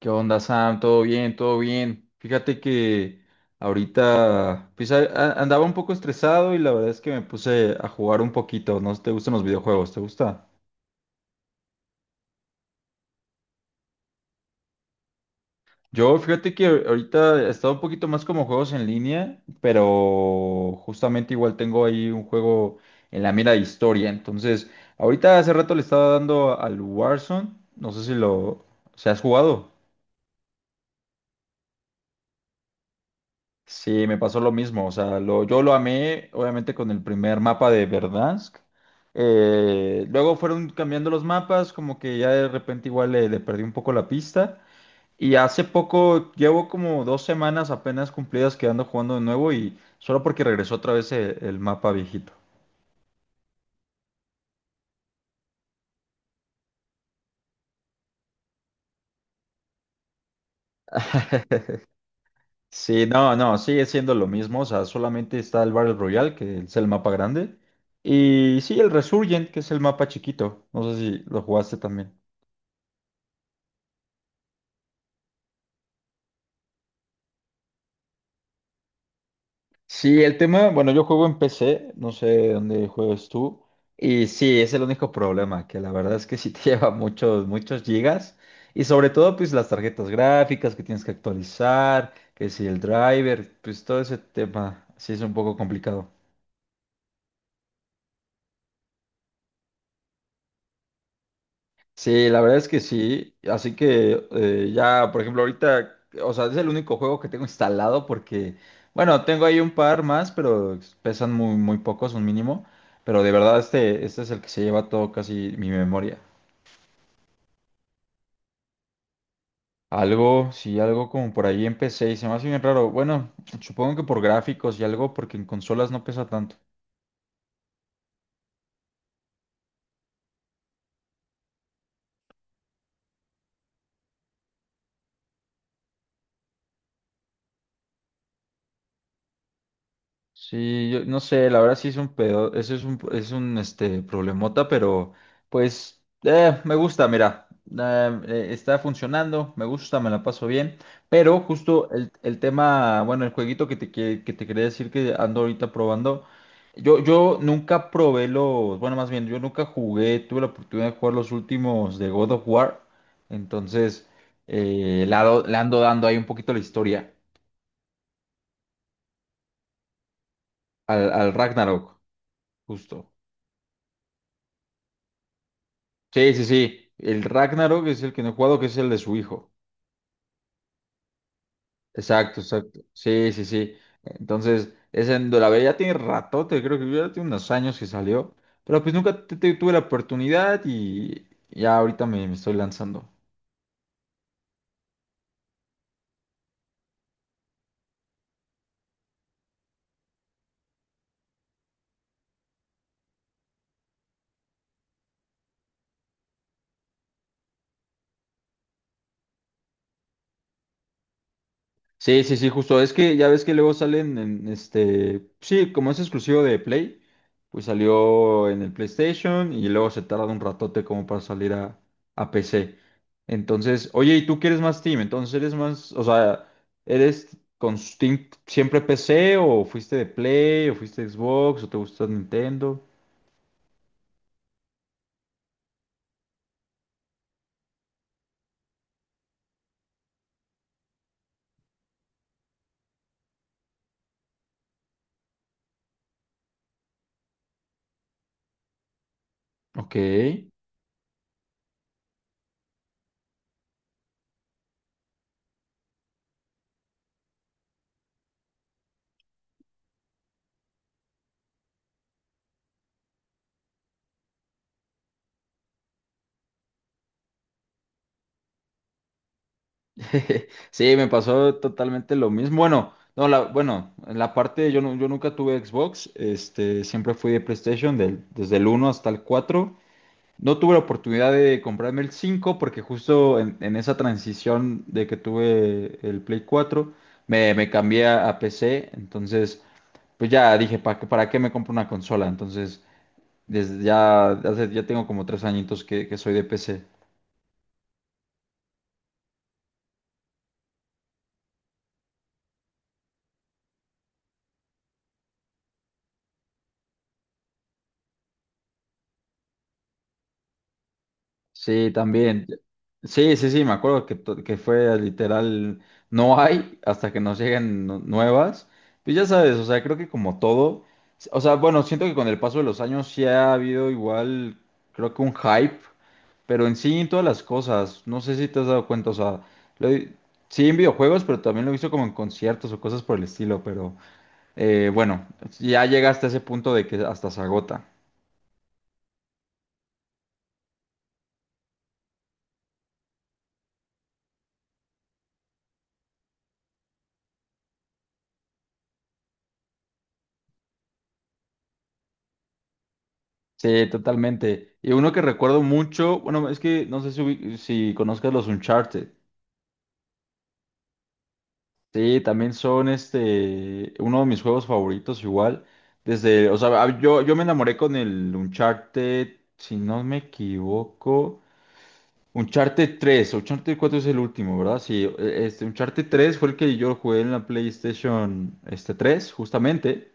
¿Qué onda, Sam? ¿Todo bien? ¿Todo bien? Fíjate que ahorita pues, andaba un poco estresado y la verdad es que me puse a jugar un poquito. ¿No te gustan los videojuegos? ¿Te gusta? Yo fíjate que ahorita he estado un poquito más como juegos en línea, pero justamente igual tengo ahí un juego en la mira de historia. Entonces, ahorita hace rato le estaba dando al Warzone. No sé si lo... ¿Se has jugado? Sí, me pasó lo mismo. O sea, yo lo amé, obviamente, con el primer mapa de Verdansk. Luego fueron cambiando los mapas, como que ya de repente igual le perdí un poco la pista. Y hace poco, llevo como dos semanas apenas cumplidas quedando jugando de nuevo y solo porque regresó otra vez el mapa viejito. Sí, no, sigue siendo lo mismo. O sea, solamente está el Battle Royale, que es el mapa grande. Y sí, el Resurgent, que es el mapa chiquito. No sé si lo jugaste también. Sí, el tema, bueno, yo juego en PC, no sé dónde juegas tú, y sí, es el único problema, que la verdad es que sí te lleva muchos, muchos gigas, y sobre todo pues las tarjetas gráficas que tienes que actualizar, que si el driver, pues todo ese tema, sí es un poco complicado. Sí, la verdad es que sí. Así que ya, por ejemplo, ahorita, o sea, es el único juego que tengo instalado porque, bueno, tengo ahí un par más, pero pesan muy, muy pocos, un mínimo. Pero de verdad, este es el que se lleva todo casi mi memoria. Algo, sí, algo como por ahí empecé y se me hace bien raro. Bueno, supongo que por gráficos y algo, porque en consolas no pesa tanto. Sí, yo no sé, la verdad sí es un pedo, eso es es un problemota, pero pues me gusta, mira, está funcionando, me gusta, me la paso bien, pero justo el tema, bueno, el jueguito que te quería decir que ando ahorita probando, yo nunca probé los, bueno, más bien, yo nunca jugué, tuve la oportunidad de jugar los últimos de God of War, entonces le ando dando ahí un poquito la historia al Ragnarok, justo. Sí, sí, sí. El Ragnarok es el que no he jugado, que es el de su hijo. Exacto, exacto. Sí, sí, sí. Entonces, ese en la veía ya tiene ratote, creo que ya tiene unos años que salió. Pero pues nunca tuve la oportunidad y ya ahorita me estoy lanzando. Sí, sí, sí, justo. Es que ya ves que luego salen en este. Sí, como es exclusivo de Play, pues salió en el PlayStation y luego se tarda un ratote como para salir a PC. Entonces, oye, ¿y tú quieres más Team? Entonces, ¿eres más? O sea, ¿eres con Steam siempre PC o fuiste de Play o fuiste de Xbox o te gusta Nintendo? Ok. Sí, me pasó totalmente lo mismo. Bueno, no, la, bueno, en la parte yo, yo nunca tuve Xbox, este, siempre fui de PlayStation desde el uno hasta el 4. No tuve la oportunidad de comprarme el 5 porque justo en esa transición de que tuve el Play 4, me cambié a PC, entonces pues ya dije, ¿para qué me compro una consola? Entonces, desde ya, ya tengo como tres añitos que soy de PC. Sí, también. Sí, sí, sí, me acuerdo que fue literal, no hay hasta que nos lleguen nuevas. Pues ya sabes, o sea, creo que como todo, o sea, bueno, siento que con el paso de los años sí ha habido igual, creo que un hype, pero en sí en todas las cosas, no sé si te has dado cuenta, o sea, lo he- sí en videojuegos, pero también lo he visto como en conciertos o cosas por el estilo, pero bueno, ya llega hasta ese punto de que hasta se agota. Sí, totalmente. Y uno que recuerdo mucho, bueno, es que no sé si, si conozcas los Uncharted. Sí, también son este, uno de mis juegos favoritos igual. Desde, o sea, yo me enamoré con el Uncharted, si no me equivoco, Uncharted tres, Uncharted cuatro es el último, ¿verdad? Sí, este, Uncharted tres fue el que yo jugué en la PlayStation este, 3, justamente.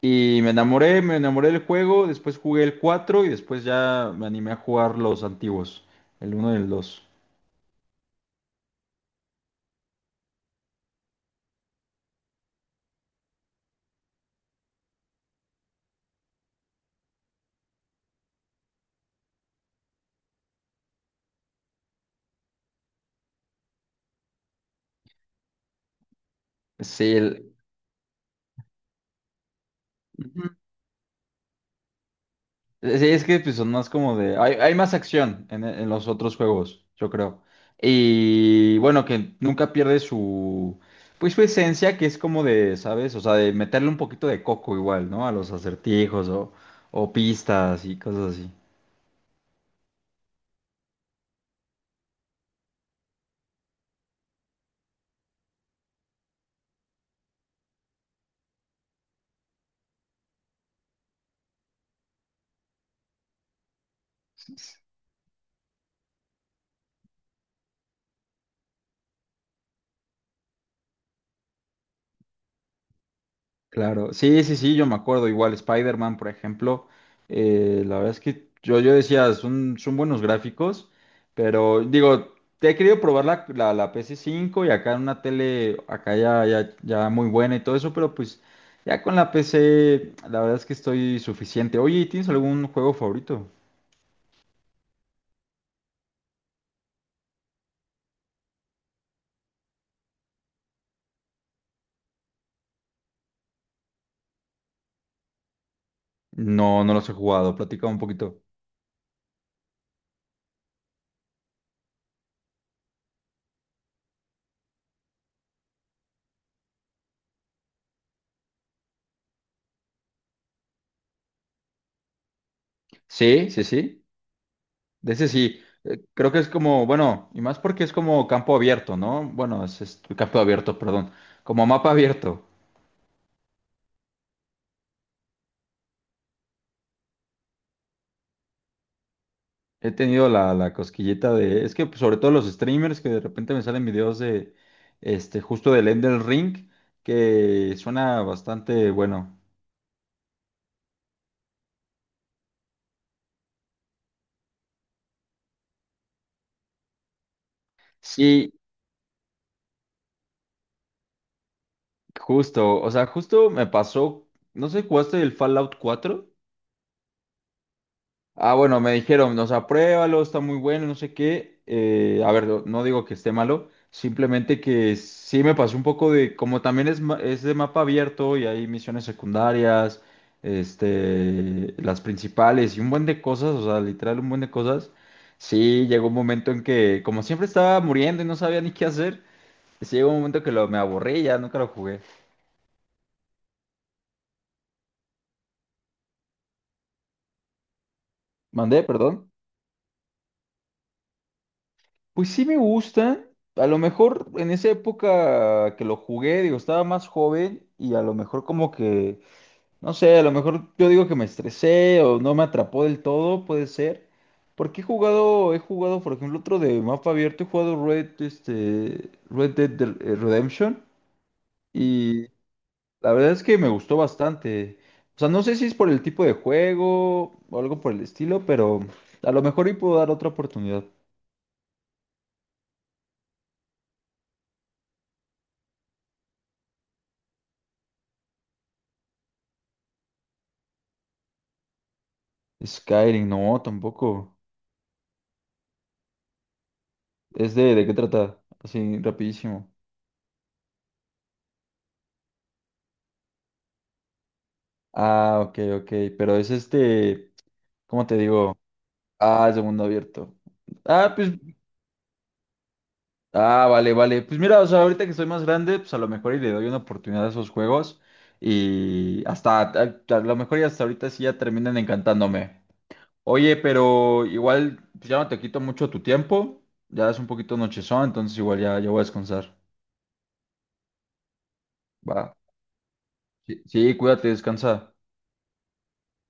Y me enamoré del juego, después jugué el 4 y después ya me animé a jugar los antiguos, el uno y el dos. Sí, el... Ujú. Sí, es que pues, son más como de... Hay más acción en los otros juegos, yo creo. Y bueno, que nunca pierde su... Pues su esencia, que es como de, ¿sabes? O sea, de meterle un poquito de coco igual, ¿no? A los acertijos o pistas y cosas así. Claro, sí, sí, sí, yo me acuerdo, igual Spider-Man, por ejemplo, la verdad es que yo decía, son, son buenos gráficos, pero digo, te he querido probar la PC cinco y acá en una tele, acá ya, ya, ya muy buena y todo eso, pero pues ya con la PC, la verdad es que estoy suficiente. Oye, ¿tienes algún juego favorito? No, no los he jugado, platica un poquito. Sí, sí, sí. De ese sí, creo que es como, bueno, y más porque es como campo abierto, ¿no? Bueno, campo abierto, perdón, como mapa abierto. He tenido la cosquillita de, es que pues, sobre todo los streamers que de repente me salen videos de, este, justo del Elden Ring, que suena bastante bueno. Sí, justo, o sea, justo me pasó, no sé, ¿jugaste el Fallout cuatro? Ah, bueno, me dijeron, nos apruébalo, está muy bueno, no sé qué. A ver, no no digo que esté malo, simplemente que sí me pasó un poco de, como también es, es de mapa abierto y hay misiones secundarias, este, las principales y un buen de cosas, o sea, literal un buen de cosas. Sí, llegó un momento en que, como siempre estaba muriendo y no sabía ni qué hacer, sí llegó un momento me aburrí, ya nunca lo jugué. Mandé, perdón. Pues sí me gustan. A lo mejor en esa época que lo jugué, digo, estaba más joven y a lo mejor como que, no sé, a lo mejor yo digo que me estresé o no me atrapó del todo, puede ser. Porque he jugado, por ejemplo, otro de mapa abierto, he jugado Red, este, Redemption y la verdad es que me gustó bastante. O sea, no sé si es por el tipo de juego o algo por el estilo, pero a lo mejor y puedo dar otra oportunidad. Skyrim, no, tampoco. ¿Es de qué trata? Así, rapidísimo. Ah, ok, ok. Pero es este, ¿cómo te digo? Ah, es de mundo abierto. Ah, pues, ah, vale, vale. Pues mira, o sea, ahorita que soy más grande, pues a lo mejor y le doy una oportunidad a esos juegos. Y hasta, a lo mejor y hasta ahorita sí ya terminan encantándome. Oye, pero igual, pues ya no te quito mucho tu tiempo. Ya es un poquito nochezón, entonces igual ya, ya voy a descansar. Va. Sí, sí, cuídate, descansa.